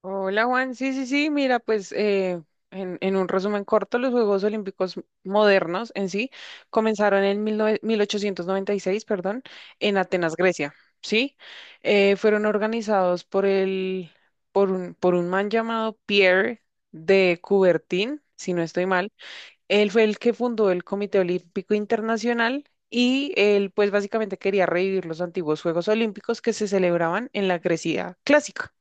Hola Juan, sí, sí, sí, mira, pues en un resumen corto, los Juegos Olímpicos modernos en sí comenzaron en 1896, perdón, en Atenas, Grecia, ¿sí? Fueron organizados por un man llamado Pierre de Coubertin, si no estoy mal. Él fue el que fundó el Comité Olímpico Internacional y él pues básicamente quería revivir los antiguos Juegos Olímpicos que se celebraban en la Grecia clásica.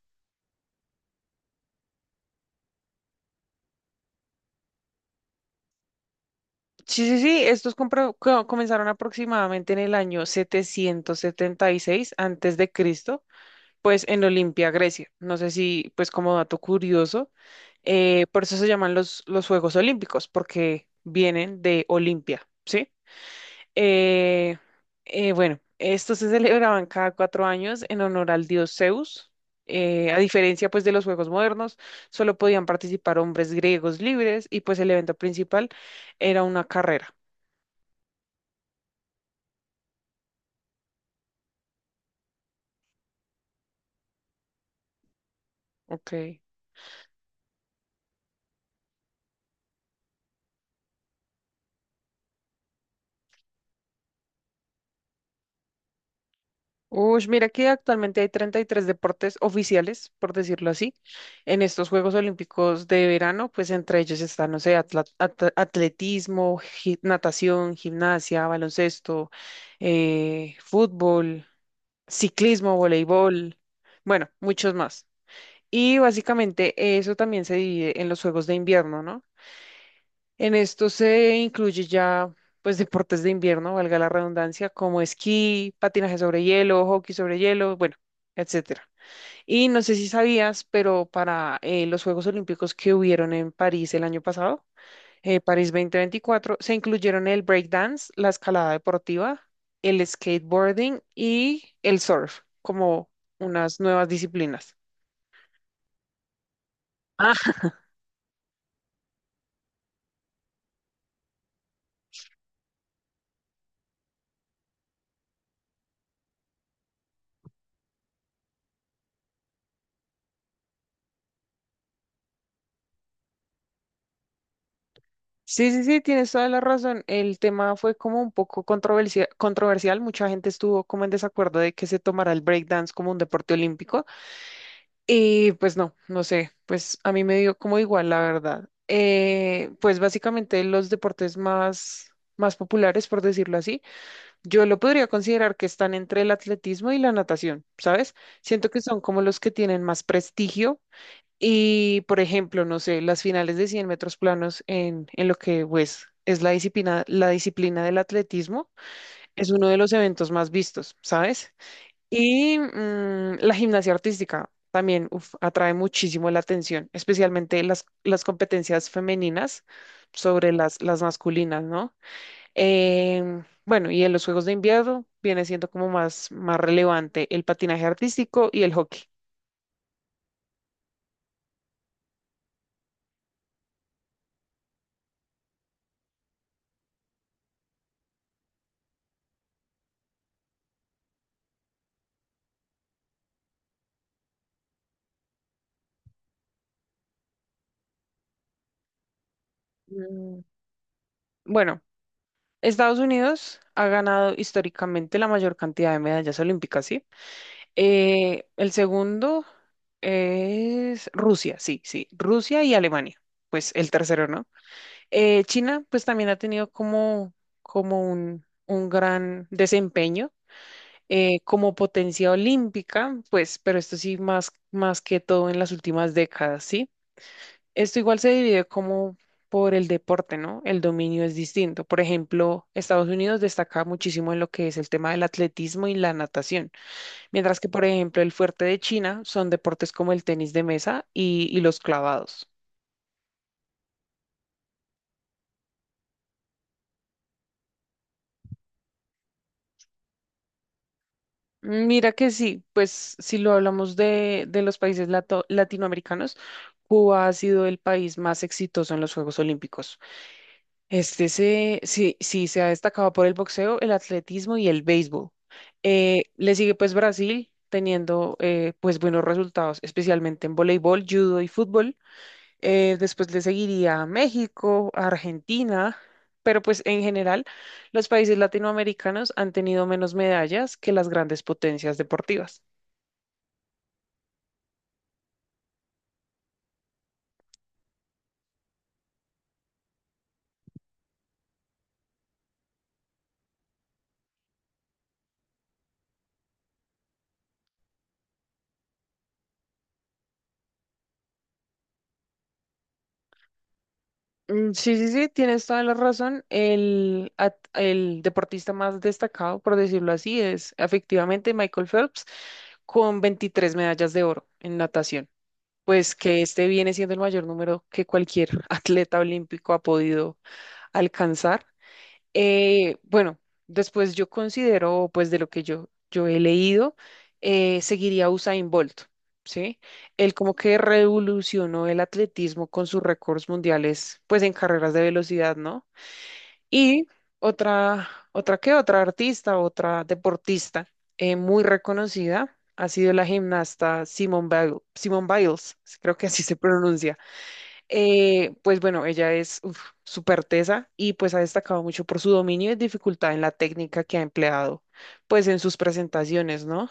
Sí, sí, sí, estos comenzaron aproximadamente en el año 776 antes de Cristo, pues en Olimpia, Grecia. No sé si, pues como dato curioso, por eso se llaman los Juegos Olímpicos, porque vienen de Olimpia, ¿sí? Eh, bueno, estos se celebraban cada 4 años en honor al dios Zeus. A diferencia pues de los Juegos modernos, solo podían participar hombres griegos libres y pues el evento principal era una carrera. Ok. Uy, mira que actualmente hay 33 deportes oficiales, por decirlo así, en estos Juegos Olímpicos de verano, pues entre ellos están, no sé, atletismo, natación, gimnasia, baloncesto, fútbol, ciclismo, voleibol, bueno, muchos más. Y básicamente eso también se divide en los Juegos de Invierno, ¿no? En esto se incluye ya, pues, deportes de invierno, valga la redundancia, como esquí, patinaje sobre hielo, hockey sobre hielo, bueno, etcétera. Y no sé si sabías, pero para los Juegos Olímpicos que hubieron en París el año pasado, París 2024, se incluyeron el breakdance, la escalada deportiva, el skateboarding y el surf como unas nuevas disciplinas. Sí, sí, sí, tienes toda la razón. El tema fue como un poco controversial. Mucha gente estuvo como en desacuerdo de que se tomara el breakdance como un deporte olímpico. Y pues no, no sé, pues a mí me dio como igual, la verdad. Pues básicamente los deportes más populares, por decirlo así, yo lo podría considerar que están entre el atletismo y la natación, ¿sabes? Siento que son como los que tienen más prestigio y, por ejemplo, no sé, las finales de 100 metros planos en lo que pues, es la disciplina del atletismo, es uno de los eventos más vistos, ¿sabes? Y la gimnasia artística también uf, atrae muchísimo la atención, especialmente las competencias femeninas sobre las masculinas, ¿no? Bueno, y en los Juegos de Invierno viene siendo como más relevante el patinaje artístico y el hockey. Mm, Bueno, Estados Unidos ha ganado históricamente la mayor cantidad de medallas olímpicas, ¿sí? El segundo es Rusia, sí, sí, Rusia y Alemania, pues el tercero, ¿no? China, pues también ha tenido como un gran desempeño. Como potencia olímpica, pues, pero esto sí más que todo en las últimas décadas, ¿sí? Esto igual se divide como por el deporte, ¿no? El dominio es distinto. Por ejemplo, Estados Unidos destaca muchísimo en lo que es el tema del atletismo y la natación, mientras que, por ejemplo, el fuerte de China son deportes como el tenis de mesa y los clavados. Mira que sí, pues si lo hablamos de los países latinoamericanos, Cuba ha sido el país más exitoso en los Juegos Olímpicos. Este sí, sí, se ha destacado por el boxeo, el atletismo y el béisbol. Le sigue pues Brasil teniendo pues buenos resultados, especialmente en voleibol, judo y fútbol. Después le seguiría a México, a Argentina, pero pues en general los países latinoamericanos han tenido menos medallas que las grandes potencias deportivas. Mm, sí, sí, sí, tienes toda la razón. El deportista más destacado, por decirlo así, es efectivamente Michael Phelps con 23 medallas de oro en natación. Pues que este viene siendo el mayor número que cualquier atleta olímpico ha podido alcanzar. Bueno, después yo considero, pues de lo que yo he leído, seguiría a Usain Bolt, ¿sí? Él como que revolucionó el atletismo con sus récords mundiales, pues en carreras de velocidad, ¿no? Y otra, otra que otra artista, otra deportista muy reconocida ha sido la gimnasta Simone Biles, Simone Biles, creo que así se pronuncia. Pues bueno, ella es uf, súper tesa y pues ha destacado mucho por su dominio y dificultad en la técnica que ha empleado pues en sus presentaciones, ¿no?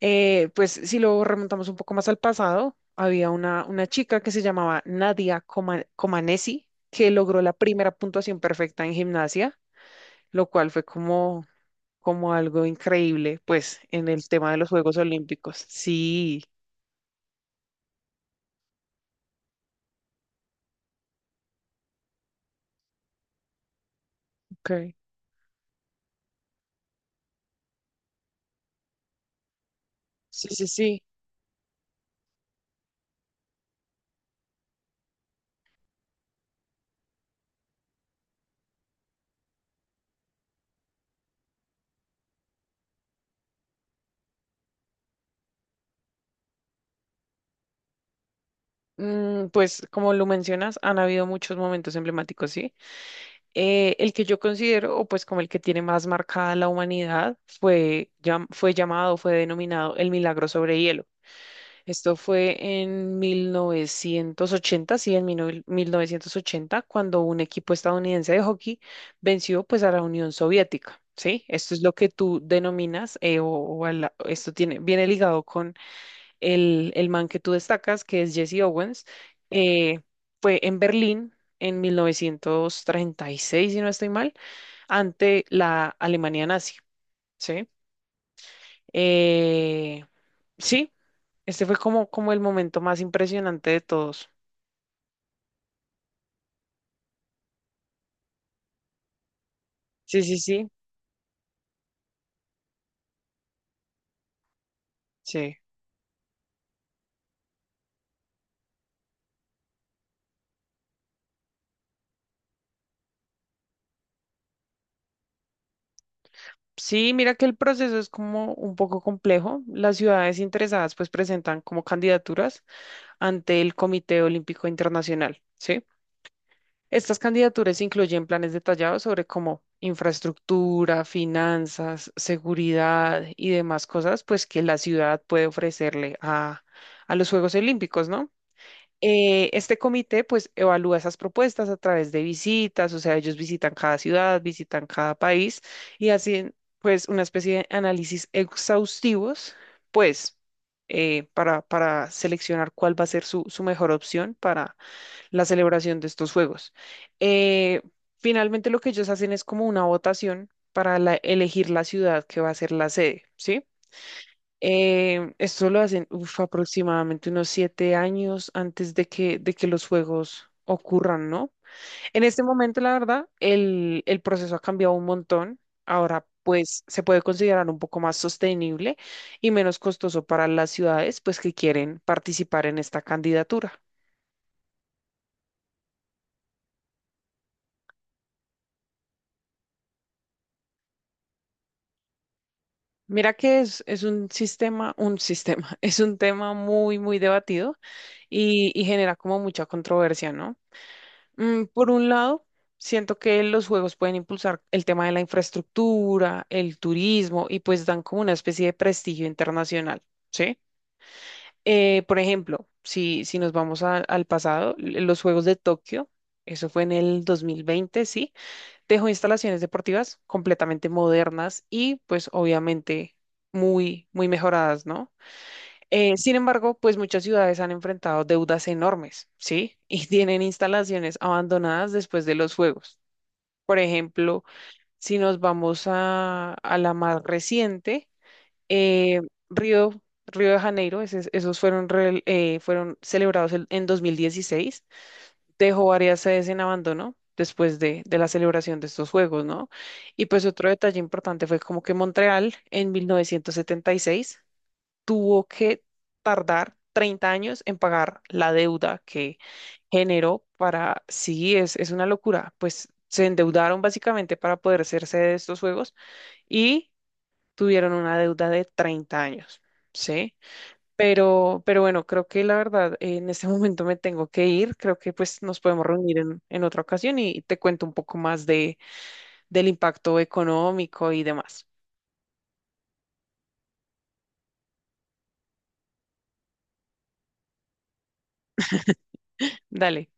Pues si lo remontamos un poco más al pasado, había una chica que se llamaba Comaneci que logró la primera puntuación perfecta en gimnasia, lo cual fue como algo increíble pues en el tema de los Juegos Olímpicos. Sí, ok. Sí, sí, sí. Pues como lo mencionas, han habido muchos momentos emblemáticos, ¿sí? El que yo considero, o pues como el que tiene más marcada la humanidad, fue, fue denominado el milagro sobre hielo. Esto fue en 1980, sí, en 1980, cuando un equipo estadounidense de hockey venció pues a la Unión Soviética, ¿sí? Esto es lo que tú denominas, esto tiene, viene ligado el man que tú destacas, que es Jesse Owens, eh, fue en Berlín en 1936, si no estoy mal, ante la Alemania nazi, ¿sí? Eh, sí, este fue como el momento más impresionante de todos. Sí, sí, sí, sí. Sí, mira que el proceso es como un poco complejo. Las ciudades interesadas pues presentan como candidaturas ante el Comité Olímpico Internacional, ¿sí? Estas candidaturas incluyen planes detallados sobre cómo infraestructura, finanzas, seguridad y demás cosas, pues que la ciudad puede ofrecerle a los Juegos Olímpicos, ¿no? Este comité pues evalúa esas propuestas a través de visitas, o sea, ellos visitan cada ciudad, visitan cada país y hacen pues una especie de análisis exhaustivos, pues para seleccionar cuál va a ser su mejor opción para la celebración de estos juegos. Eh, Finalmente lo que ellos hacen es como una votación para elegir la ciudad que va a ser la sede, ¿sí? Esto lo hacen uf, aproximadamente unos 7 años antes de que los juegos ocurran, ¿no? En este momento, la verdad, el proceso ha cambiado un montón. Ahora, pues, se puede considerar un poco más sostenible y menos costoso para las ciudades, pues, que quieren participar en esta candidatura. Mira que es un sistema, es un tema muy, muy debatido y genera como mucha controversia, ¿no? Por un lado, siento que los juegos pueden impulsar el tema de la infraestructura, el turismo y pues dan como una especie de prestigio internacional, ¿sí? Por ejemplo, si nos vamos al pasado, los Juegos de Tokio, eso fue en el 2020, ¿sí? Dejó instalaciones deportivas completamente modernas y pues obviamente muy, muy mejoradas, ¿no? Sin embargo, pues muchas ciudades han enfrentado deudas enormes, ¿sí? Y tienen instalaciones abandonadas después de los fuegos. Por ejemplo, si nos vamos a la más reciente, eh, Río, Río de Janeiro, esos fueron, fueron celebrados en 2016, dejó varias sedes en abandono después de la celebración de estos juegos, ¿no? Y pues otro detalle importante fue como que Montreal en 1976 tuvo que tardar 30 años en pagar la deuda que generó para, sí, es una locura, pues se endeudaron básicamente para poder hacerse de estos juegos y tuvieron una deuda de 30 años, ¿sí? Pero bueno, creo que la verdad, en este momento me tengo que ir. Creo que pues nos podemos reunir en otra ocasión y te cuento un poco más del impacto económico y demás. Dale.